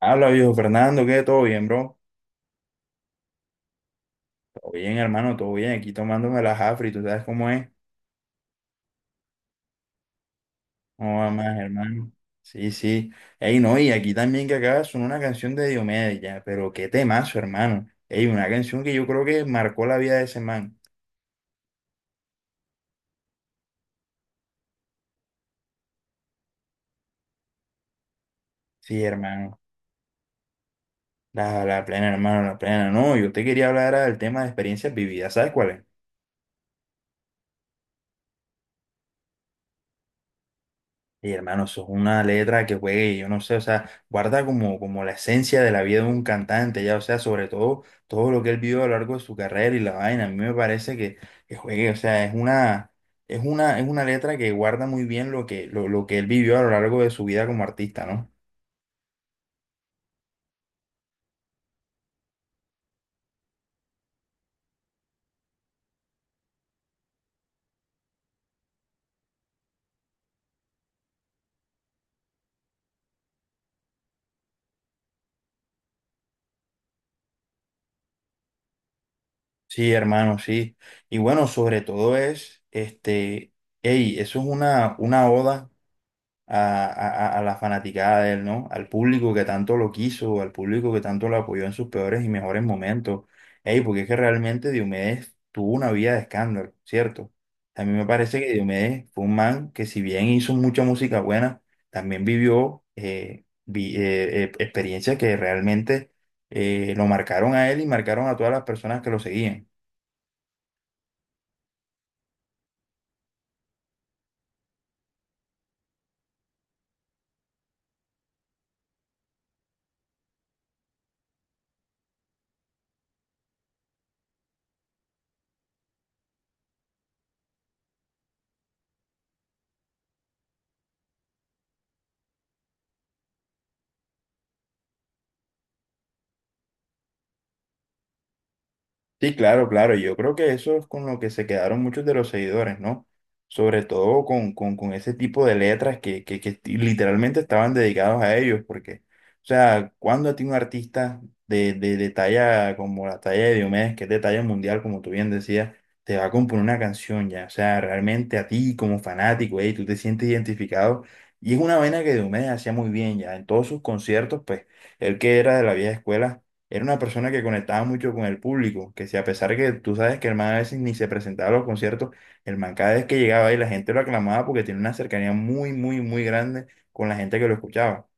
Habla, viejo Fernando, ¿qué? ¿Todo bien, bro? Todo bien, hermano, todo bien. Aquí tomándome las afri, ¿tú sabes cómo es? ¿No va más, hermano? Sí, sí. Ey, no, y aquí también que acaba son una canción de Diomedes, ya, pero qué temazo, hermano. Ey, una canción que yo creo que marcó la vida de ese man. Sí, hermano. La plena, hermano, la plena. No, yo te quería hablar era del tema de experiencias vividas, ¿sabes cuál es? Y hermano, eso es una letra que juegue, yo no sé, o sea, guarda como, como la esencia de la vida de un cantante, ya, o sea, sobre todo todo lo que él vivió a lo largo de su carrera y la vaina, a mí me parece que juegue, o sea, es una, es una letra que guarda muy bien lo que él vivió a lo largo de su vida como artista, ¿no? Sí, hermano, sí. Y bueno, sobre todo es, este, hey, eso es una oda a, a la fanaticada de él, ¿no? Al público que tanto lo quiso, al público que tanto lo apoyó en sus peores y mejores momentos. Ey, porque es que realmente Diomedes tuvo una vida de escándalo, ¿cierto? A mí me parece que Diomedes fue un man que si bien hizo mucha música buena, también vivió experiencias que realmente lo marcaron a él y marcaron a todas las personas que lo seguían. Sí, claro, claro. Yo creo que eso es con lo que se quedaron muchos de los seguidores, ¿no? Sobre todo con ese tipo de letras que literalmente estaban dedicados a ellos, porque, o sea, cuando a ti un artista de talla como la talla de Diomedes, que es de talla mundial, como tú bien decías, te va a componer una canción ya, o sea, realmente a ti como fanático, ey, tú te sientes identificado, y es una vaina que Diomedes hacía muy bien ya, en todos sus conciertos, pues, él que era de la vieja escuela era una persona que conectaba mucho con el público, que si a pesar que tú sabes que el man a veces ni se presentaba a los conciertos, el man cada vez que llegaba ahí la gente lo aclamaba porque tiene una cercanía muy, muy, muy grande con la gente que lo escuchaba.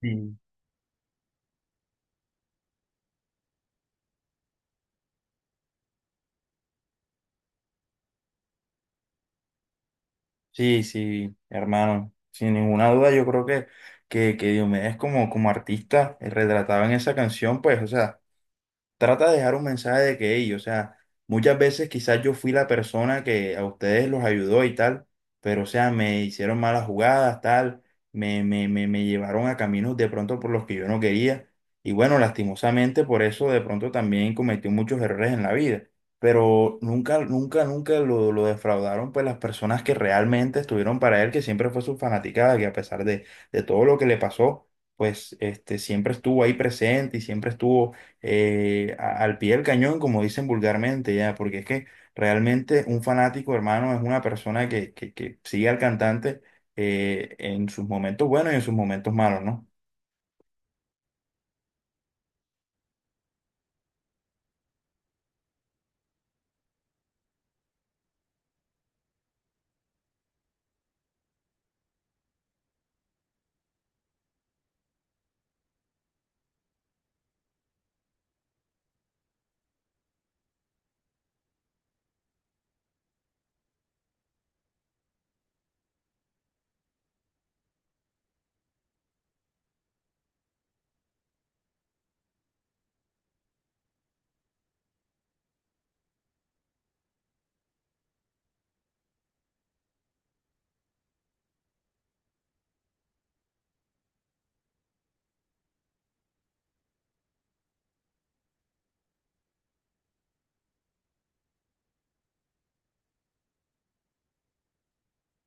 Sí. Sí, sí, hermano, sin ninguna duda yo creo que Diomedes como, como artista retratado en esa canción, pues, o sea, trata de dejar un mensaje de que ellos, o sea, muchas veces quizás yo fui la persona que a ustedes los ayudó y tal, pero o sea, me hicieron malas jugadas, tal, me, me llevaron a caminos de pronto por los que yo no quería. Y bueno, lastimosamente por eso de pronto también cometí muchos errores en la vida. Pero nunca, nunca, nunca lo, lo defraudaron pues las personas que realmente estuvieron para él, que siempre fue su fanaticada, que a pesar de todo lo que le pasó, pues este, siempre estuvo ahí presente y siempre estuvo al pie del cañón, como dicen vulgarmente, ya, porque es que realmente un fanático, hermano, es una persona que sigue al cantante en sus momentos buenos y en sus momentos malos, ¿no?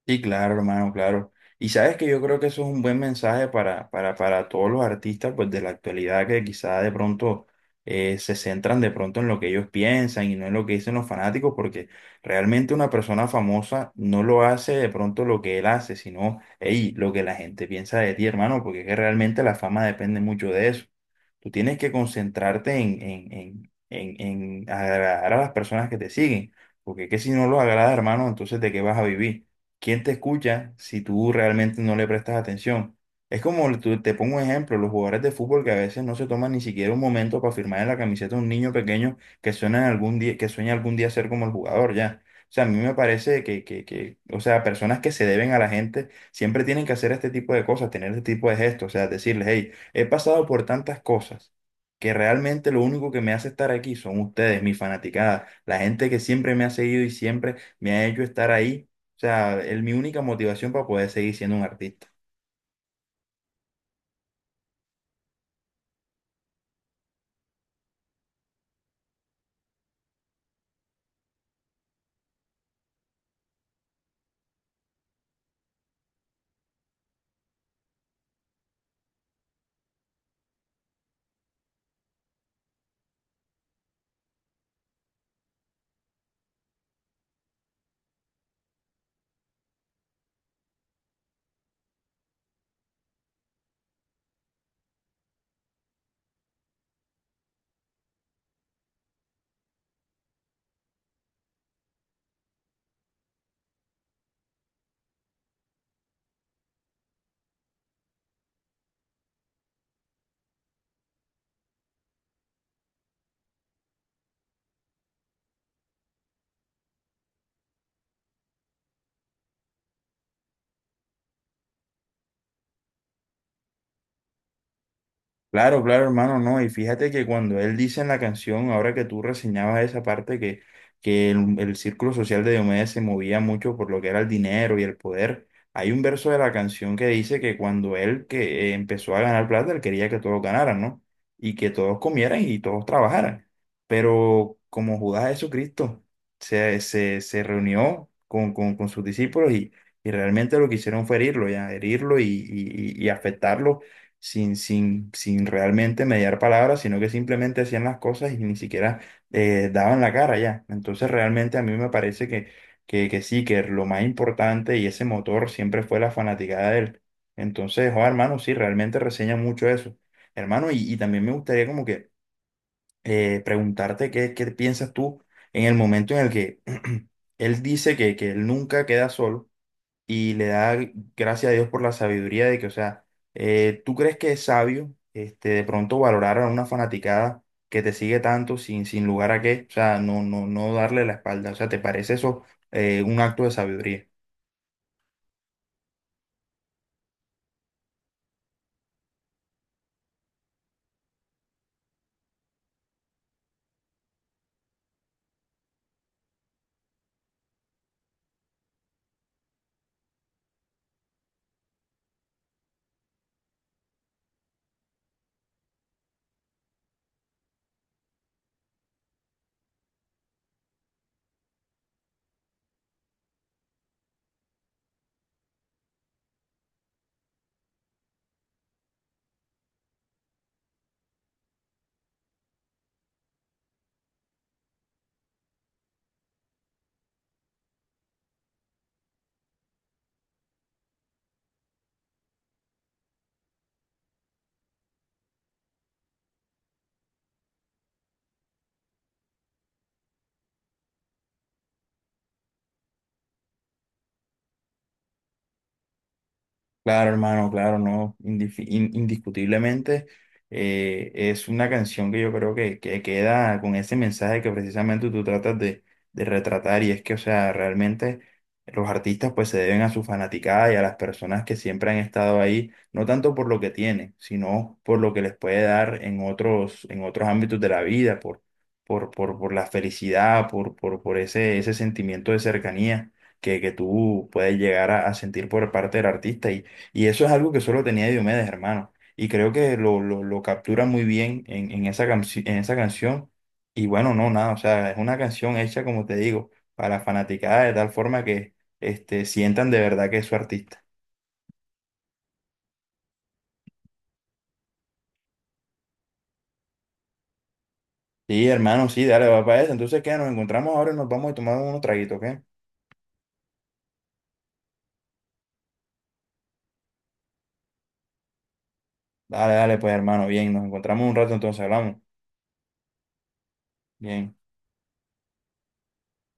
Sí, claro, hermano, claro. Y sabes que yo creo que eso es un buen mensaje para todos los artistas pues, de la actualidad que quizá de pronto se centran de pronto en lo que ellos piensan y no en lo que dicen los fanáticos, porque realmente una persona famosa no lo hace de pronto lo que él hace, sino hey, lo que la gente piensa de ti, hermano, porque es que realmente la fama depende mucho de eso. Tú tienes que concentrarte en agradar a las personas que te siguen, porque es que si no los agrada, hermano, entonces ¿de qué vas a vivir? ¿Quién te escucha si tú realmente no le prestas atención? Es como, tú- te pongo un ejemplo, los jugadores de fútbol que a veces no se toman ni siquiera un momento para firmar en la camiseta a un niño pequeño que sueña algún día, que sueña algún día ser como el jugador, ya. O sea, a mí me parece que, o sea, personas que se deben a la gente siempre tienen que hacer este tipo de cosas, tener este tipo de gestos, o sea, decirles, hey, he pasado por tantas cosas que realmente lo único que me hace estar aquí son ustedes, mi fanaticada, la gente que siempre me ha seguido y siempre me ha hecho estar ahí. O sea, es mi única motivación para poder seguir siendo un artista. Claro, claro, hermano, no. Y fíjate que cuando él dice en la canción, ahora que tú reseñabas esa parte, que el círculo social de Diomedes se movía mucho por lo que era el dinero y el poder, hay un verso de la canción que dice que cuando él que empezó a ganar plata, él quería que todos ganaran, ¿no? Y que todos comieran y todos trabajaran. Pero como Judas Jesucristo se reunió con sus discípulos y realmente lo que hicieron fue herirlo, ya, herirlo y, y afectarlo sin, sin, sin realmente mediar palabras, sino que simplemente hacían las cosas y ni siquiera daban la cara ya. Entonces realmente a mí me parece que sí, que lo más importante y ese motor siempre fue la fanaticada de él. Entonces, oh, hermano, sí, realmente reseña mucho eso. Hermano, y también me gustaría como que preguntarte qué, qué piensas tú en el momento en el que él dice que él nunca queda solo y le da gracias a Dios por la sabiduría de que, o sea, ¿tú crees que es sabio este, de pronto valorar a una fanaticada que te sigue tanto sin, sin lugar a qué? O sea, no, no, no darle la espalda. O sea, ¿te parece eso un acto de sabiduría? Claro, hermano, claro, no, indiscutiblemente es una canción que yo creo que queda con ese mensaje que precisamente tú tratas de retratar y es que, o sea, realmente los artistas pues se deben a su fanaticada y a las personas que siempre han estado ahí, no tanto por lo que tienen, sino por lo que les puede dar en otros ámbitos de la vida, por la felicidad, por ese, ese sentimiento de cercanía que tú puedes llegar a sentir por parte del artista. Y eso es algo que solo tenía Diomedes, hermano. Y creo que lo captura muy bien en esa en esa canción. Y bueno, no, nada, o sea, es una canción hecha, como te digo, para la fanaticada de tal forma que este, sientan de verdad que es su artista. Sí, hermano, sí, dale, va para eso. Entonces, ¿qué? Nos encontramos ahora y nos vamos a tomar unos traguitos, ¿qué? Dale, dale, pues, hermano, bien, nos encontramos un rato, entonces hablamos. Bien.